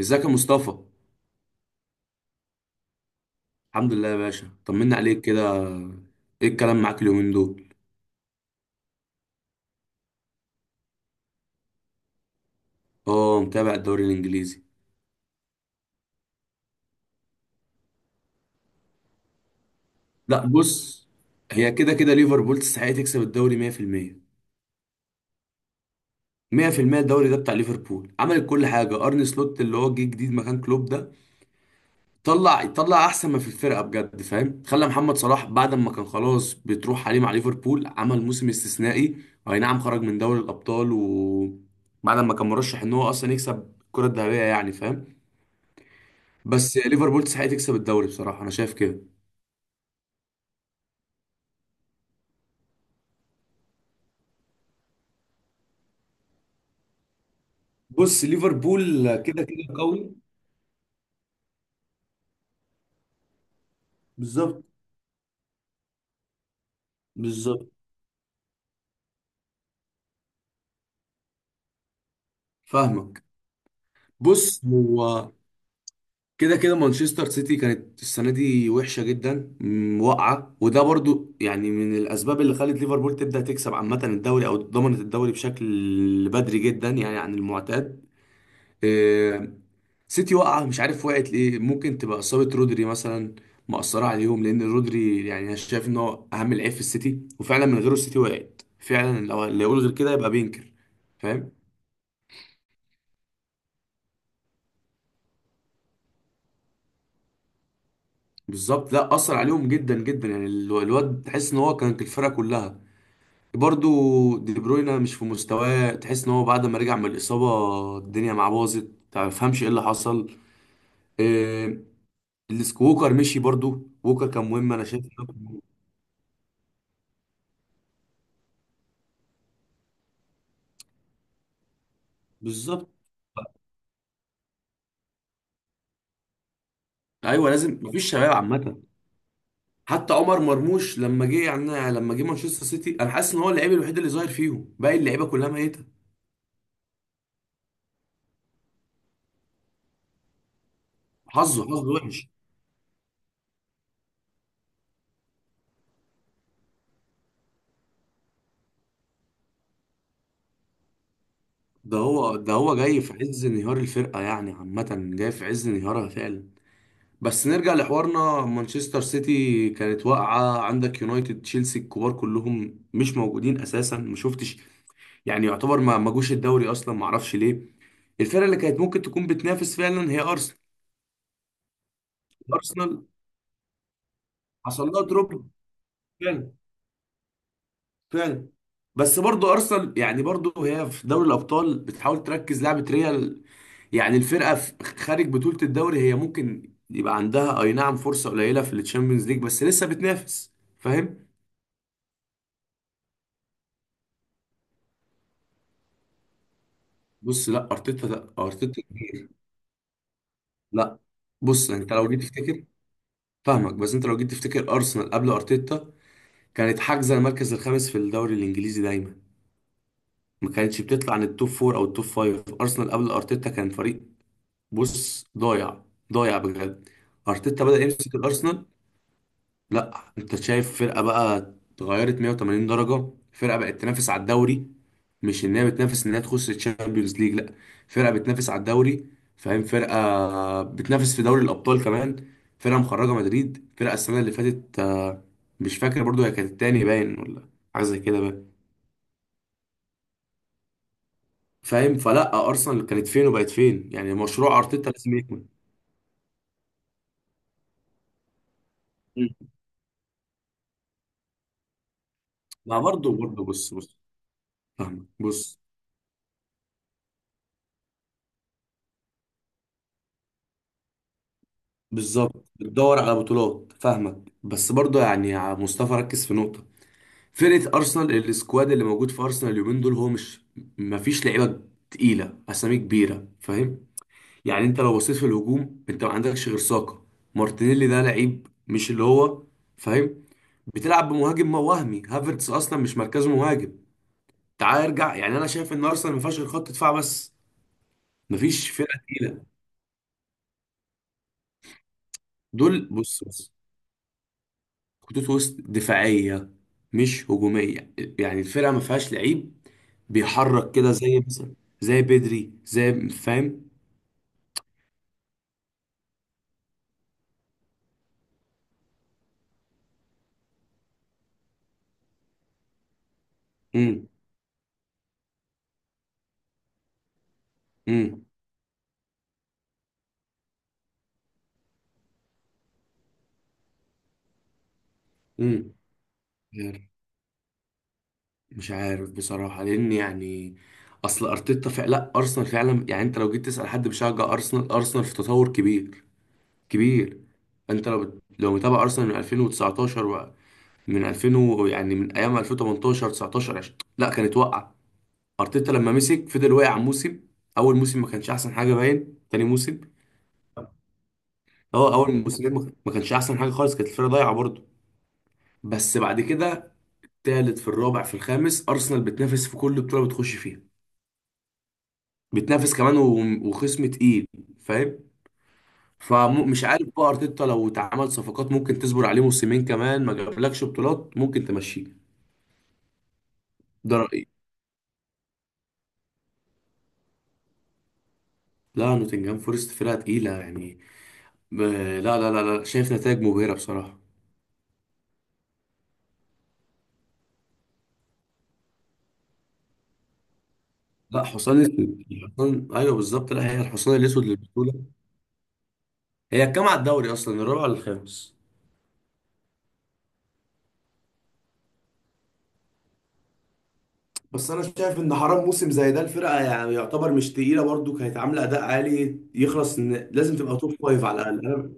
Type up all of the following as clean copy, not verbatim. ازيك يا مصطفى؟ الحمد لله يا باشا، طمنا عليك كده. ايه الكلام معاك اليومين دول؟ اه، متابع الدوري الانجليزي. لا بص، هي كده كده ليفربول تستحق تكسب الدوري 100%. 100% الدوري ده بتاع ليفربول، عملت كل حاجه. ارني سلوت اللي هو جه جديد مكان كلوب ده طلع احسن ما في الفرقه بجد، فاهم؟ خلى محمد صلاح بعد ما كان خلاص بتروح عليه مع ليفربول عمل موسم استثنائي. اي نعم خرج من دوري الابطال بعد ما كان مرشح ان هو اصلا يكسب الكره الذهبيه، يعني فاهم. بس ليفربول تستحق تكسب الدوري، بصراحه انا شايف كده. بص ليفربول كده كده قوي. بالظبط. بالظبط فاهمك. بص هو كده كده مانشستر سيتي كانت السنه دي وحشه جدا، واقعه، وده برضو يعني من الاسباب اللي خلت ليفربول تبدا تكسب عامه الدوري او ضمنت الدوري بشكل بدري جدا يعني عن المعتاد. آه، سيتي واقعه، مش عارف وقعت ليه، ممكن تبقى اصابه رودري مثلا مأثره عليهم، لان رودري يعني انا شايف ان هو اهم لعيب في السيتي، وفعلا من غيره السيتي وقعت فعلا، لو اللي يقول غير كده يبقى بينكر، فاهم؟ بالظبط، لا اثر عليهم جدا جدا، يعني الواد تحس ان هو كان في الفرقه كلها. برضو دي بروينا مش في مستواه، تحس ان هو بعد ما رجع من الاصابه الدنيا معاه باظت، ما تفهمش ايه اللي حصل. إيه ووكر مشي، برضو ووكر كان مهم، انا شايف إن هو كان مهم. بالظبط. ايوه لازم، مفيش شباب عامه. حتى عمر مرموش لما جه، يعني لما جه مانشستر سيتي، انا حاسس ان هو اللعيب الوحيد اللي ظاهر فيهم، باقي اللعيبه كلها ميته. حظه وحش. ده هو جاي في عز انهيار الفرقه، يعني عامه جاي في عز انهيارها فعلا. بس نرجع لحوارنا، مانشستر سيتي كانت واقعه، عندك يونايتد، تشيلسي، الكبار كلهم مش موجودين اساسا، ما شفتش يعني، يعتبر ما جوش الدوري اصلا، ما اعرفش ليه. الفرقه اللي كانت ممكن تكون بتنافس فعلا هي ارسنال. ارسنال حصل لها دروب فعلا، فعلا. بس برضو ارسنال يعني برضو هي في دوري الابطال بتحاول تركز لعبه ريال، يعني الفرقه في خارج بطوله الدوري هي ممكن يبقى عندها اي نعم فرصه قليله في الشامبيونز ليج، بس لسه بتنافس، فاهم؟ بص لا ارتيتا، لا ارتيتا. لا، بص انت لو جيت تفتكر، فاهمك، بس انت لو جيت تفتكر ارسنال قبل ارتيتا كانت حاجزه المركز الخامس في الدوري الانجليزي دايما، ما كانتش بتطلع عن التوب فور او التوب فايف. ارسنال قبل ارتيتا كان فريق، بص، ضايع، ضايع بجد. ارتيتا بدأ يمسك الارسنال، لا انت شايف فرقه بقى، اتغيرت 180 درجه، فرقه بقت تنافس على الدوري، مش ان هي بتنافس ان هي تخش الشامبيونز ليج، لا، فرقه بتنافس على الدوري، فاهم؟ فرقه بتنافس في دوري الابطال كمان، فرقه مخرجه مدريد، فرقه السنه اللي فاتت، مش فاكر، برضو هي كانت التاني باين، ولا حاجه زي كده، باين. فاهم، فلا ارسنال كانت فين وبقت فين، يعني مشروع ارتيتا لازم يكمل. مم. ما برضه، برضه، بص، فاهمك، بص. بالظبط بتدور على بطولات، فاهمك، بس برضه يعني يا مصطفى ركز في نقطة، فرقة أرسنال، السكواد اللي موجود في أرسنال اليومين دول هو مش، مفيش لعيبة تقيلة، أسامي كبيرة، فاهم؟ يعني أنت لو بصيت في الهجوم أنت ما عندكش غير ساكا. مارتينيلي ده لعيب مش اللي هو، فاهم؟ بتلعب بمهاجم ما وهمي، هافرتس أصلا مش مركزه مهاجم. تعال ارجع، يعني أنا شايف إن أرسنال ما فيهاش غير خط دفاع بس، مفيش فرقة تقيلة. دول، بص، بص، خطوط وسط دفاعية، مش هجومية، يعني الفرقة ما فيهاش لعيب بيحرك كده زي مثلا، زي بدري زي، فاهم؟ امم امم امم مش عارف بصراحة، لأن يعني أصل أرتيتا فعلا، لا أرسنال فعلا، يعني أنت لو جيت تسأل حد بيشجع أرسنال، أرسنال في تطور كبير، كبير. أنت لو لو متابع أرسنال من 2019 من 2000 يعني من أيام 2018 19 20، لا كانت واقعة. ارتيتا لما مسك فضل واقع موسم، اول موسم ما كانش احسن حاجه، باين، تاني موسم، هو اول موسمين ما كانش احسن حاجه خالص، كانت الفرقه ضايعه برضه. بس بعد كده تالت، في الرابع، في الخامس، ارسنال بتنافس في كل بطوله بتخش فيها، بتنافس كمان وخصم تقيل، فاهم؟ فمش عارف بقى، ارتيتا لو اتعمل صفقات ممكن تصبر عليه موسمين كمان، ما جابلكش بطولات ممكن تمشيه. ده رايي. لا نوتنجهام فورست فرقه تقيله يعني، ب- لا، لا، لا، لا، شايف نتائج مبهره بصراحه. لا حصان اسود، حصان، ايوه بالظبط، لا هي الحصان الاسود للبطوله. هي كام على الدوري اصلا، الرابع ولا الخامس؟ بس انا شايف ان حرام موسم زي ده، الفرقه يعني يعتبر مش تقيله برضو كانت عامله اداء عالي، يخلص ان لازم تبقى توب فايف على الاقل.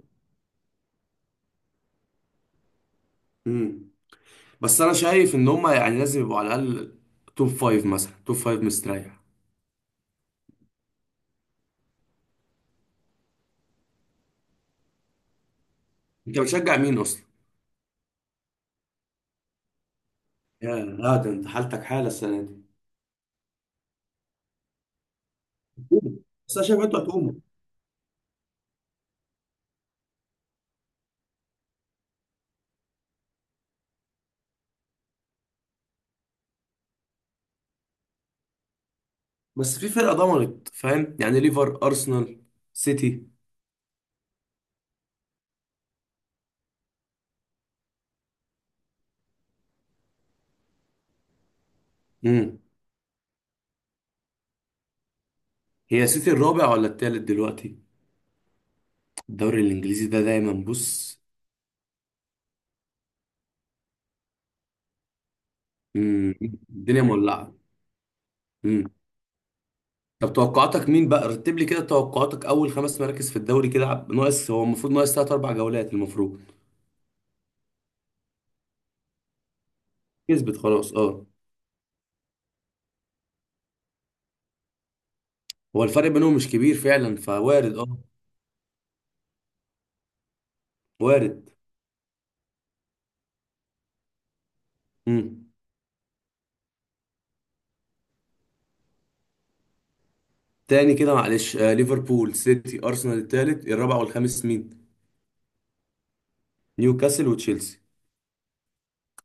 امم. بس انا شايف ان هم يعني لازم يبقوا على الاقل توب فايف، مثلا توب فايف مستريح. انت بتشجع مين اصلا؟ يا لا، ده انت حالتك حاله السنه دي. هجوم. بس انا شايف انتوا هتقوموا. بس في فرقه ضمنت، فاهم يعني، ليفر، ارسنال، سيتي. امم. هي سيتي الرابع ولا التالت دلوقتي؟ الدوري الانجليزي ده دايما، بص. مم. الدنيا مولعه. مم. طب توقعاتك مين بقى؟ رتب لي كده توقعاتك اول خمس مراكز في الدوري، كده ناقص، هو المفروض ناقص ثلاث اربع جولات المفروض. كسبت خلاص اه. هو الفرق بينهم مش كبير فعلا، فوارد اه. وارد. مم. تاني كده معلش، آه ليفربول، سيتي، ارسنال التالت، الرابع والخامس مين؟ نيوكاسل وتشيلسي.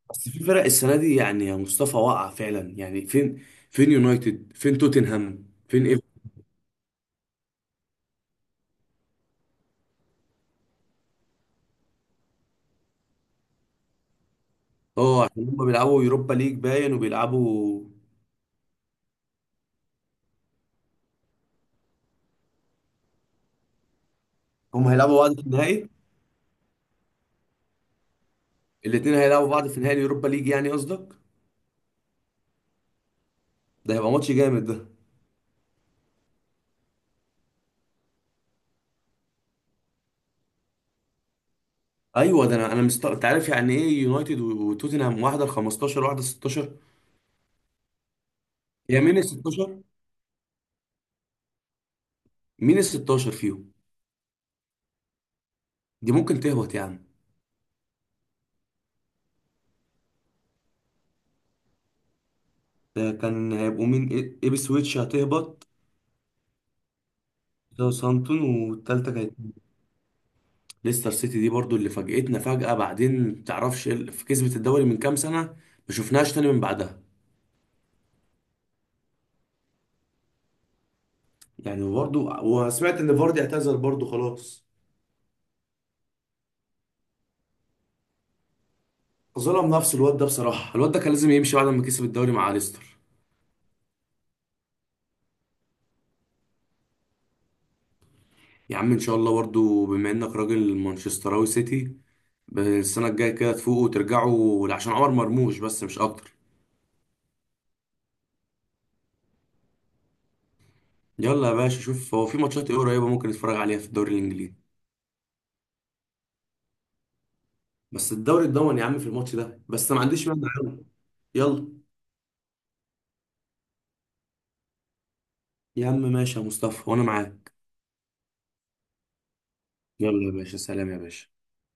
بس في فرق السنه دي، يعني يا مصطفى، واقعه فعلا، يعني فين، فين يونايتد، فين توتنهام، فين؟ اه عشان هم بيلعبوا يوروبا ليج باين، وبيلعبوا. هم هيلعبوا بعض في النهائي؟ الاثنين هيلعبوا بعض في نهائي اليوروبا ليج يعني قصدك؟ ده هيبقى ماتش جامد ده. ايوه، ده انا انت عارف يعني ايه، يونايتد وتوتنهام، واحده ال 15 واحده ال 16. هي مين ال 16، مين ال 16 فيهم؟ دي ممكن تهبط يا عم. ده كان هيبقوا مين؟ ايبسويتش هتهبط، ساوثهامبتون والتالتة كانت، ليستر سيتي. دي برضو اللي فاجئتنا فجأة، بعدين متعرفش في كسبة الدوري من كام سنة، ما شفناهاش تاني من بعدها. يعني برضه وسمعت ان فاردي اعتزل برضه خلاص. ظلم نفسه الواد ده بصراحه، الواد ده كان لازم يمشي بعد ما كسب الدوري مع ليستر. يا عم ان شاء الله، برضه بما انك راجل مانشستراوي سيتي، السنه الجايه كده تفوقوا وترجعوا عشان عمر مرموش، بس مش اكتر. يلا يا باشا، شوف هو في ماتشات ايه قريبه ممكن نتفرج عليها في الدوري الانجليزي. بس الدوري اتضمن يا عم في الماتش ده، بس ما عنديش مانع، يلا. يلا يا عم، ماشي يا مصطفى، وانا معاك. يلا يا باشا، سلام يا باشا.